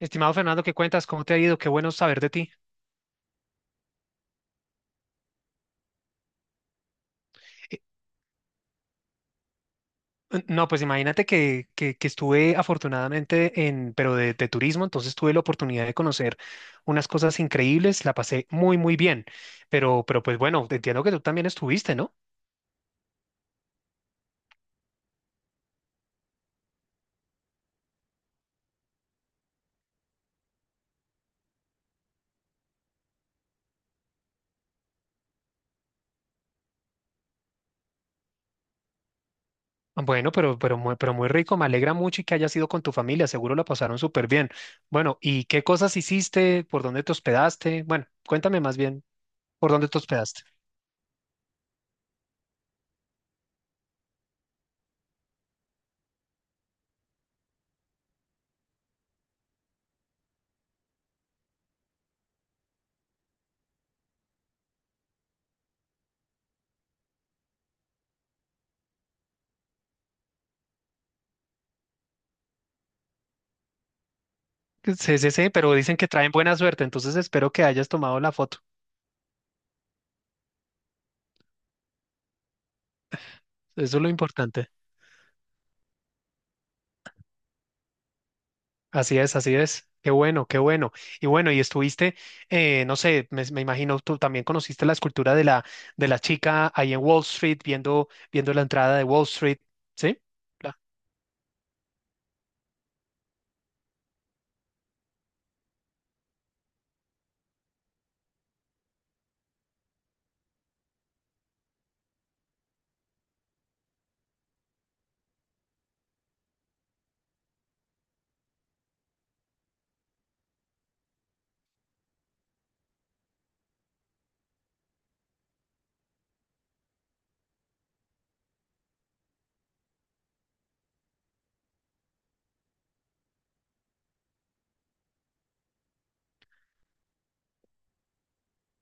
Estimado Fernando, ¿qué cuentas? ¿Cómo te ha ido? Qué bueno saber de ti. Eh, No, pues imagínate que estuve afortunadamente en, pero de turismo, entonces tuve la oportunidad de conocer unas cosas increíbles, la pasé muy, muy bien, pero pues bueno, entiendo que tú también estuviste, ¿no? Bueno, pero muy rico, me alegra mucho y que hayas ido con tu familia, seguro la pasaron súper bien. Bueno, ¿y qué cosas hiciste? ¿Por dónde te hospedaste? Bueno, cuéntame más bien, ¿por dónde te hospedaste? Sí, sí, sí, pero dicen que traen buena suerte, entonces espero que hayas tomado la foto. Eso es lo importante. Así es, así es. Qué bueno, qué bueno. Y bueno, y estuviste, no sé, me imagino tú también conociste la escultura de de la chica ahí en Wall Street, viendo, viendo la entrada de Wall Street, ¿sí? La-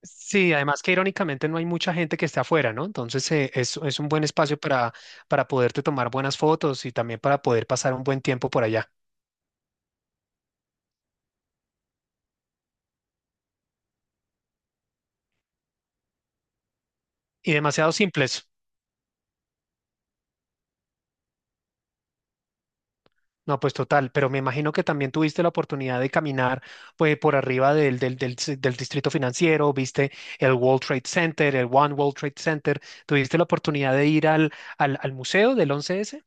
Sí, además que irónicamente no hay mucha gente que esté afuera, ¿no? Entonces es un buen espacio para poderte tomar buenas fotos y también para poder pasar un buen tiempo por allá. Y demasiado simples. No, pues total, pero me imagino que también tuviste la oportunidad de caminar pues, por arriba del distrito financiero, viste el World Trade Center, el One World Trade Center, tuviste la oportunidad de ir al museo del 11S.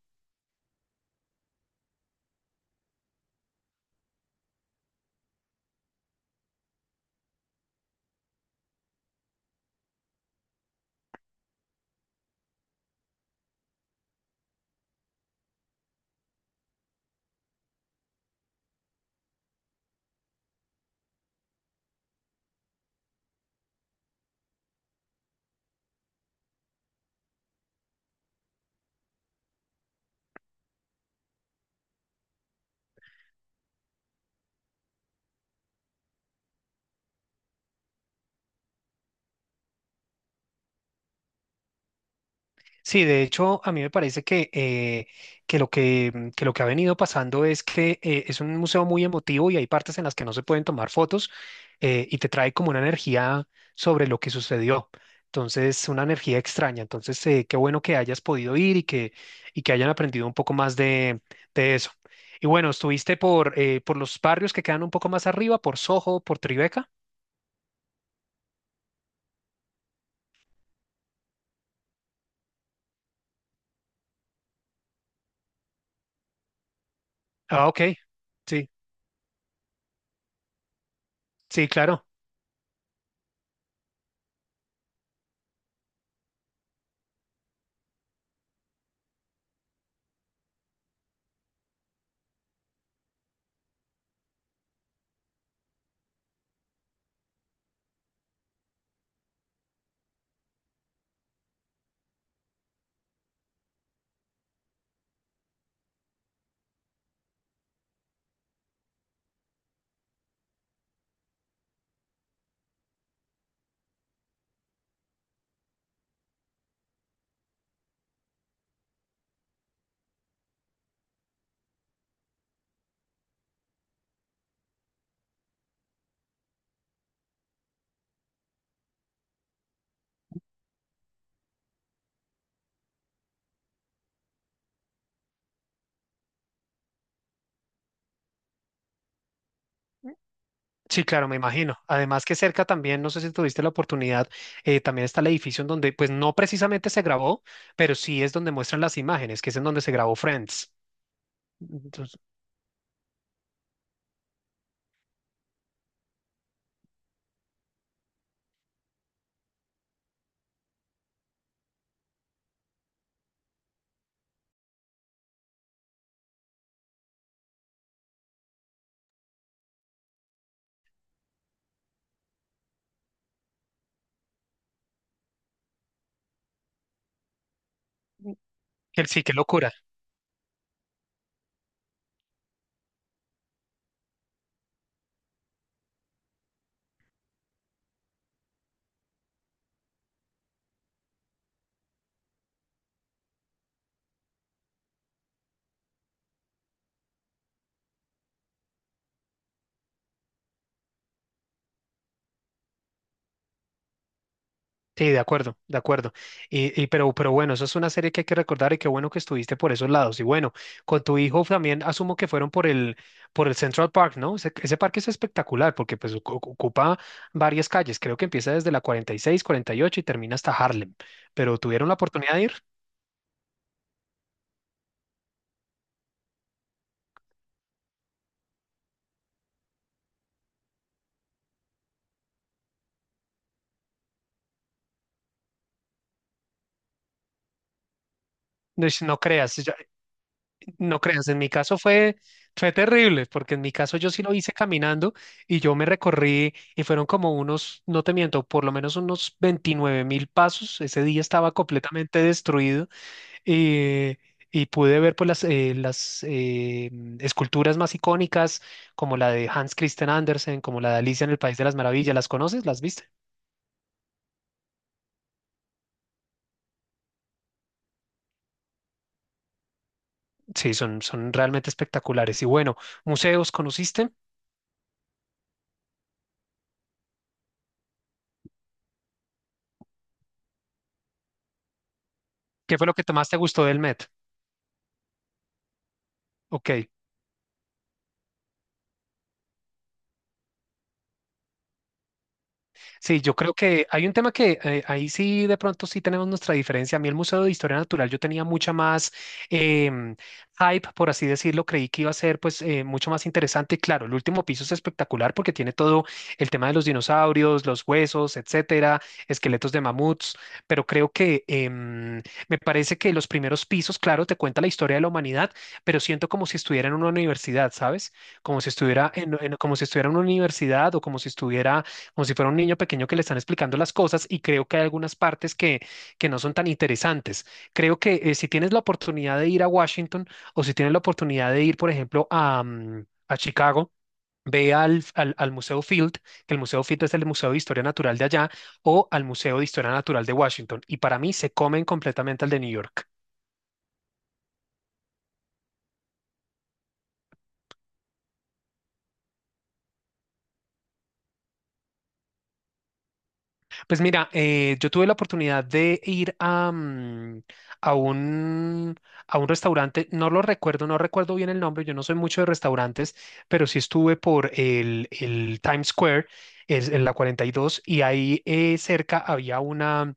Sí, de hecho, a mí me parece que, que lo que ha venido pasando es que es un museo muy emotivo y hay partes en las que no se pueden tomar fotos y te trae como una energía sobre lo que sucedió. Entonces, una energía extraña. Entonces, qué bueno que hayas podido ir y que hayan aprendido un poco más de eso. Y bueno, estuviste por los barrios que quedan un poco más arriba, por Soho, por Tribeca. Ah, ok. Sí, sí, claro. Sí, claro, me imagino. Además que cerca también, no sé si tuviste la oportunidad, también está el edificio en donde, pues no precisamente se grabó, pero sí es donde muestran las imágenes, que es en donde se grabó Friends. Entonces, sí, qué locura. Sí, de acuerdo, de acuerdo. Pero bueno, eso es una serie que hay que recordar y qué bueno que estuviste por esos lados. Y bueno, con tu hijo también asumo que fueron por el Central Park, ¿no? Ese parque es espectacular porque pues ocupa varias calles. Creo que empieza desde la 46, 48 y ocho y termina hasta Harlem. Pero ¿tuvieron la oportunidad de ir? No creas, no creas, en mi caso fue, fue terrible, porque en mi caso yo sí lo hice caminando y yo me recorrí y fueron como unos, no te miento, por lo menos unos 29.000 pasos. Ese día estaba completamente destruido eh, y pude ver pues, las esculturas más icónicas, como la de Hans Christian Andersen, como la de Alicia en el País de las Maravillas. ¿Las conoces? ¿Las viste? Sí, son, son realmente espectaculares. Y bueno, museos, ¿conociste? ¿Qué fue lo que te más te gustó del Met? Ok. Sí, yo creo que hay un tema que ahí sí de pronto sí tenemos nuestra diferencia. A mí el Museo de Historia Natural yo tenía mucha más em, hype, por así decirlo. Creí que iba a ser pues mucho más interesante. Claro, el último piso es espectacular porque tiene todo el tema de los dinosaurios, los huesos, etcétera, esqueletos de mamuts. Pero creo que me parece que los primeros pisos, claro, te cuenta la historia de la humanidad, pero siento como si estuviera en una universidad, ¿sabes? Como si estuviera como si estuviera en una universidad o como si estuviera como si fuera un niño pequeño que le están explicando las cosas y creo que hay algunas partes que no son tan interesantes. Creo que si tienes la oportunidad de ir a Washington o si tienes la oportunidad de ir, por ejemplo, a Chicago, ve al Museo Field, que el Museo Field es el Museo de Historia Natural de allá, o al Museo de Historia Natural de Washington. Y para mí se comen completamente al de New York. Pues mira, yo tuve la oportunidad de ir a un, a un restaurante, no lo recuerdo, no recuerdo bien el nombre, yo no soy mucho de restaurantes, pero sí estuve por el Times Square, es en la 42, y dos, y ahí cerca había una,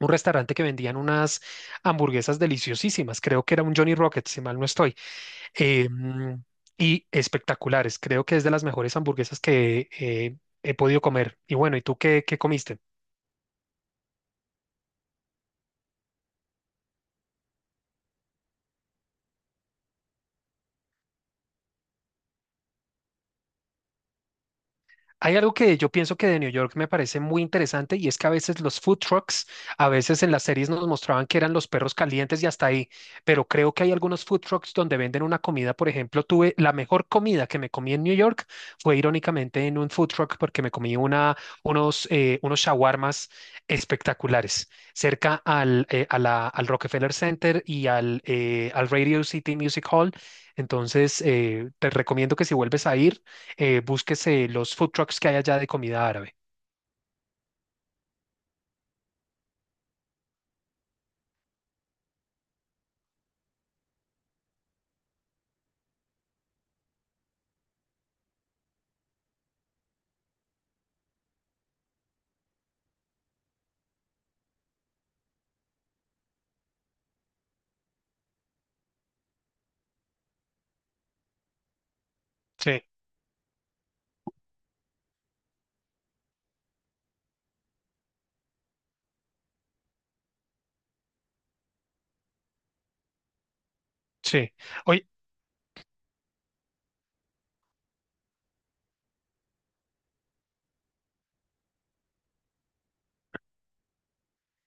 un restaurante que vendían unas hamburguesas deliciosísimas, creo que era un Johnny Rocket, si mal no estoy. eh, mm, y espectaculares, creo que es de las mejores hamburguesas que he podido comer. Y bueno, ¿y tú qué, qué comiste? Hay algo que yo pienso que de New York me parece muy interesante y es que a veces los food trucks, a veces en las series nos mostraban que eran los perros calientes y hasta ahí, pero creo que hay algunos food trucks donde venden una comida, por ejemplo, tuve la mejor comida que me comí en New York fue irónicamente en un food truck porque me comí una, unos shawarmas espectaculares cerca al, al Rockefeller Center y al, al Radio City Music Hall. Entonces, te recomiendo que si vuelves a ir búsquese los food trucks que hay allá de comida árabe. Sí, sí. Oye,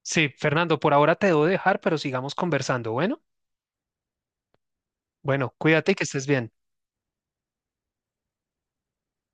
sí, Fernando, por ahora te debo dejar, pero sigamos conversando. Bueno, bueno, cuídate y que estés bien.